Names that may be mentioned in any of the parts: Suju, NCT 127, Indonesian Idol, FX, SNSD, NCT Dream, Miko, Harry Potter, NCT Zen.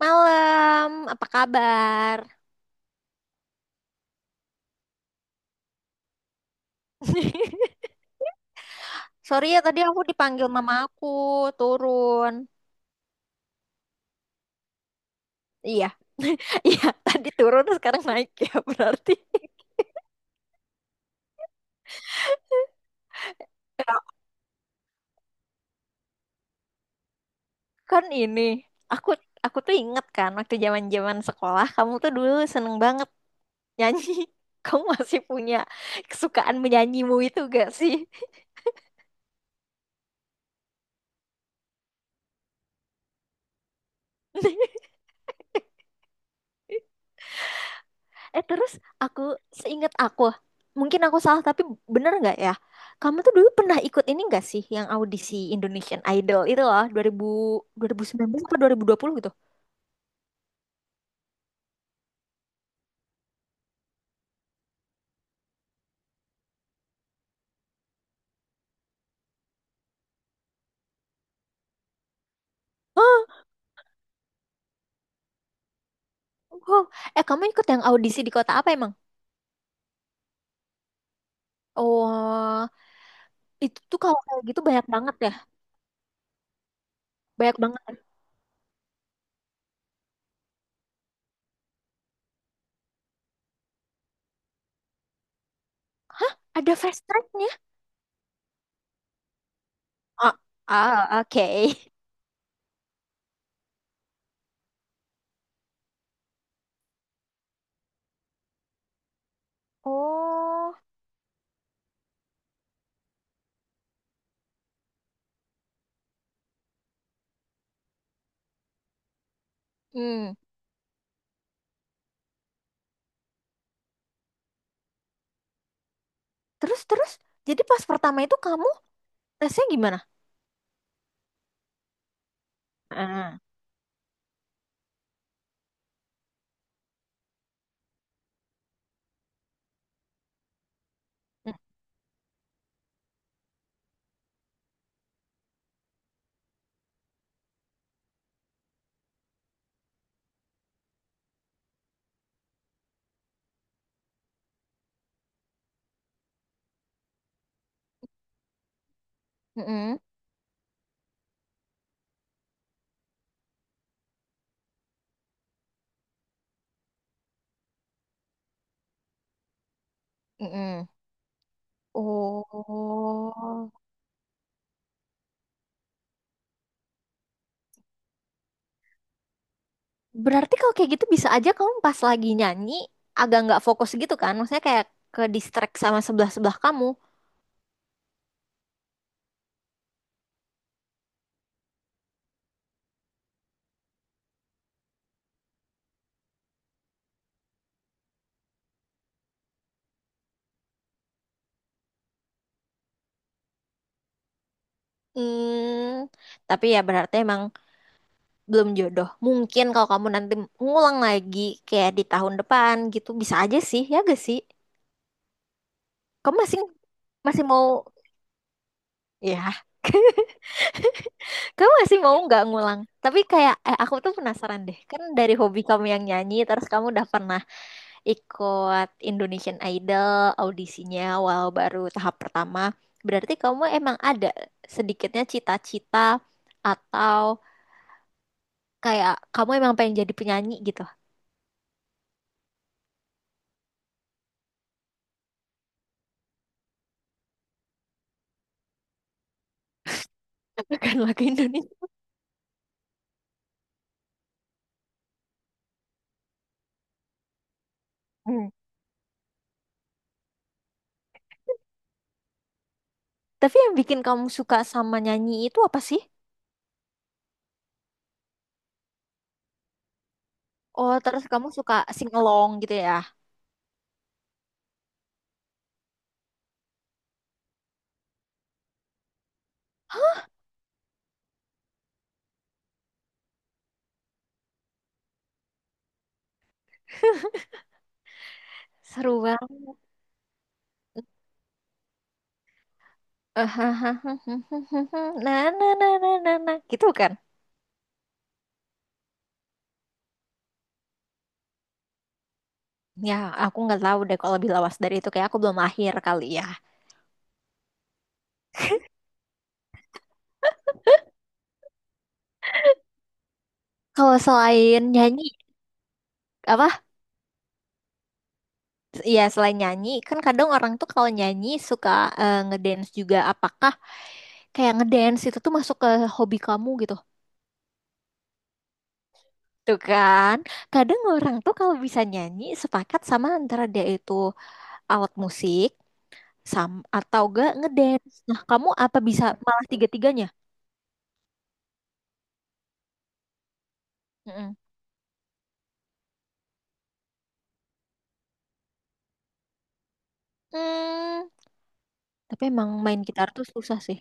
Malam, apa kabar? Sorry ya, tadi aku dipanggil mama aku turun. Iya, iya, tadi turun sekarang naik ya berarti. Kan ini, aku aku tuh inget kan waktu zaman-zaman sekolah kamu tuh dulu seneng banget nyanyi. Kamu masih punya kesukaan menyanyimu itu gak sih? Terus aku seingat aku, mungkin aku salah tapi bener nggak ya? Kamu tuh dulu pernah ikut ini nggak sih yang audisi Indonesian Idol itu loh dua ribu sembilan belas atau dua 2020 gitu? Hah? Wow. Kamu ikut yang audisi di kota apa emang? Oh, itu tuh kalau kayak gitu banyak banget ya, banyak banget. Ada fast tracknya? Ah, ah, oke. Oh, hmm. Terus terus, jadi pas pertama itu kamu tesnya gimana? Ah. Mm, mm-mm, mm-mm. Oh, berarti kalau kayak gitu bisa aja kamu pas lagi nyanyi agak nggak fokus gitu kan? Maksudnya kayak ke distract sama sebelah-sebelah kamu. Hmm, tapi ya berarti emang belum jodoh. Mungkin kalau kamu nanti ngulang lagi kayak di tahun depan gitu bisa aja sih, ya gak sih? Kamu masih masih mau ya. Kamu masih mau nggak ngulang? Tapi kayak, eh aku tuh penasaran deh. Kan dari hobi kamu yang nyanyi, terus kamu udah pernah ikut Indonesian Idol audisinya walau baru tahap pertama. Berarti kamu emang ada sedikitnya cita-cita atau kayak kamu emang pengen jadi penyanyi gitu. Bukan lagu Indonesia. Hmm. Tapi yang bikin kamu suka sama nyanyi itu apa sih? Oh, terus kamu suka sing along gitu ya? Seru banget. Nah, nah, nah, nah, nah, nah, gitu kan? Ya, aku nggak tahu deh kalau lebih lawas dari itu, kayak aku belum lahir kali ya. Kalau selain nyanyi, apa? Iya, selain nyanyi, kan kadang orang tuh kalau nyanyi suka ngedance juga. Apakah kayak ngedance itu tuh masuk ke hobi kamu gitu? Tuh kan? Kadang orang tuh kalau bisa nyanyi sepakat sama antara dia itu alat musik sam atau gak ngedance. Nah, kamu apa bisa malah tiga-tiganya? Mm-mm. Hmm, tapi emang main gitar tuh susah sih.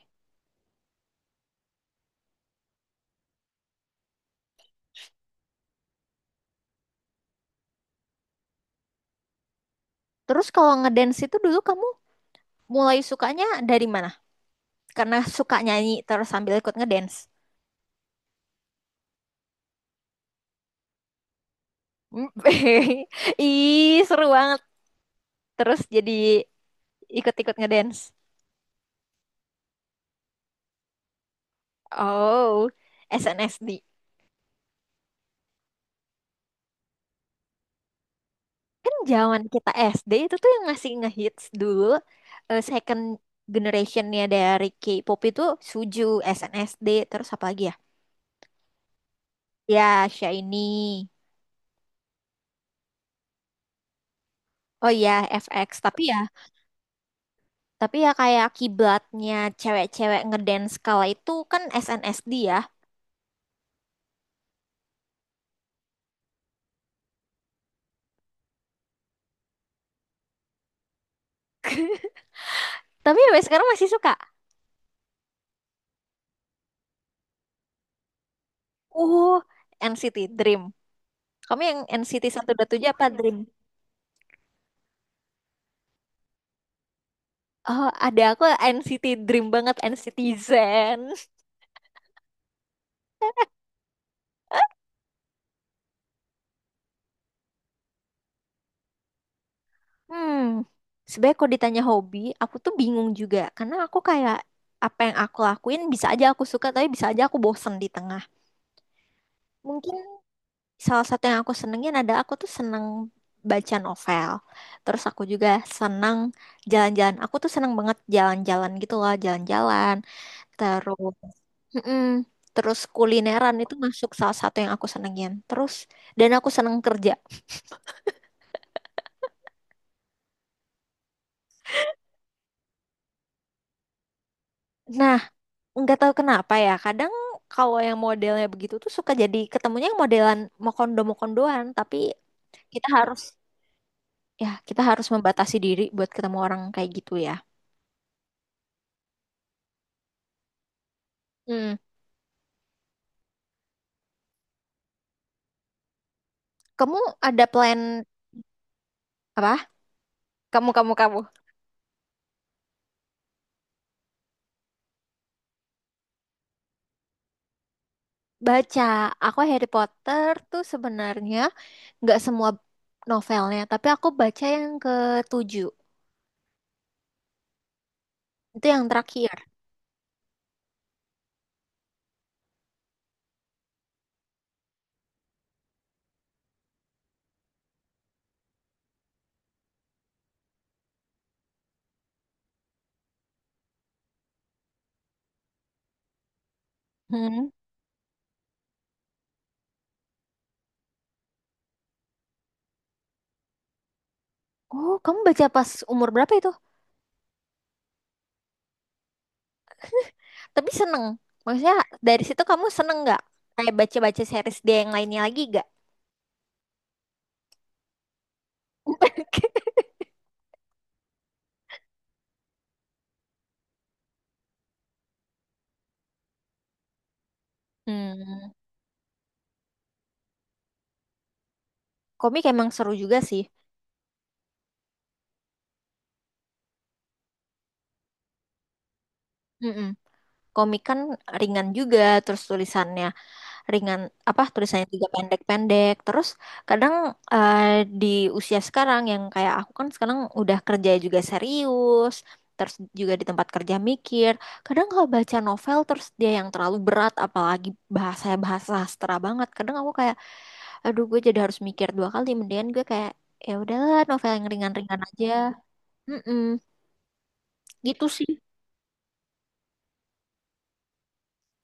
Terus kalau ngedance itu dulu kamu mulai sukanya dari mana? Karena suka nyanyi terus sambil ikut ngedance. Hmm. Ih, seru banget. Terus jadi ikut-ikut ngedance. Oh, SNSD. Kan zaman kita SD itu tuh yang ngasih ngehits dulu second generationnya dari K-pop itu Suju, SNSD, terus apa lagi ya? Ya, Shiny. Oh iya, FX. Tapi ya kayak kiblatnya cewek-cewek ngedance kala itu kan SNSD ya. Tapi sampai sekarang masih suka. Uh, NCT Dream. Kamu yang NCT 127 apa Dream? Oh, ada aku NCT Dream banget, NCT Zen. Hmm, sebenarnya kalau ditanya hobi, aku tuh bingung juga. Karena aku kayak apa yang aku lakuin bisa aja aku suka, tapi bisa aja aku bosen di tengah. Mungkin salah satu yang aku senengin, ada aku tuh seneng baca novel. Terus aku juga seneng jalan-jalan. Aku tuh seneng banget jalan-jalan gitu loh, jalan-jalan. Terus, mm-mm, terus kulineran itu masuk salah satu yang aku senengin. Terus, dan aku seneng kerja. Nah, nggak tahu kenapa ya. Kadang kalau yang modelnya begitu tuh suka jadi ketemunya yang modelan mokondo-mokondoan. Tapi kita harus, ya kita harus membatasi diri buat ketemu orang kayak gitu ya. Hmm. Kamu ada plan. Apa? Kamu, kamu, kamu. Baca, aku Harry Potter tuh sebenarnya nggak semua novelnya, tapi aku baca yang ketujuh. Itu yang terakhir. Hmm. Oh, kamu baca pas umur berapa itu? Tapi seneng. Maksudnya dari situ kamu seneng nggak? Kayak baca-baca series dia yang lainnya lagi nggak? Hmm, komik emang seru juga sih. Mm-mm. Komik kan ringan juga, terus tulisannya ringan, apa tulisannya juga pendek-pendek. Terus kadang eh, di usia sekarang yang kayak aku, kan sekarang udah kerja juga serius, terus juga di tempat kerja mikir. Kadang kalau baca novel terus dia yang terlalu berat, apalagi bahasanya bahasa sastra banget, kadang aku kayak aduh, gue jadi harus mikir dua kali. Mendingan gue kayak ya udahlah, novel yang ringan-ringan aja. Mm-mm, gitu sih.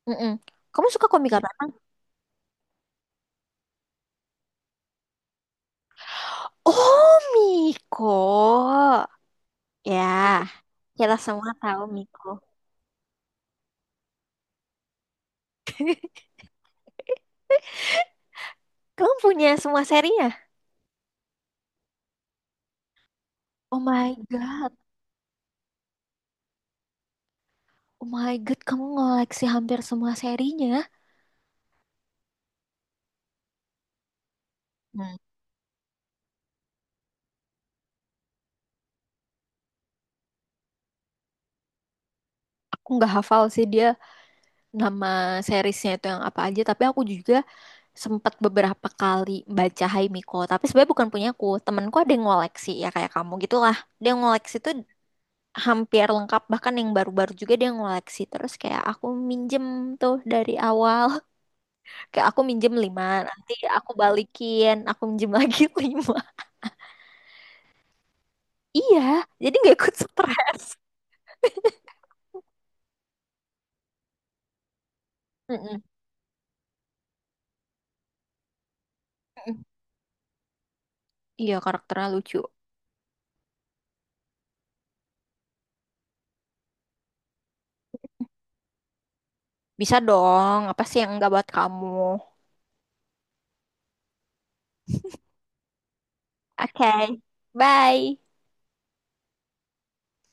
Mm-mm. Kamu suka komik apa? Oh, Miko ya. Kita semua tahu Miko. Kamu punya semua serinya? Oh my God. Oh my God, kamu ngoleksi hampir semua serinya. Hmm. Aku nggak hafal sih dia nama seriesnya itu yang apa aja, tapi aku juga sempat beberapa kali baca Hai Miko. Tapi sebenarnya bukan punya aku, temanku ada yang ngoleksi ya kayak kamu gitulah. Dia ngoleksi tuh hampir lengkap, bahkan yang baru-baru juga dia ngoleksi. Terus kayak aku minjem tuh dari awal, kayak aku minjem lima, nanti aku balikin, aku minjem lagi lima. Iya, jadi nggak ikut stres. Mm-mm. Mm-mm. Iya, karakternya lucu. Bisa dong, apa sih yang nggak buat kamu? Oke, bye.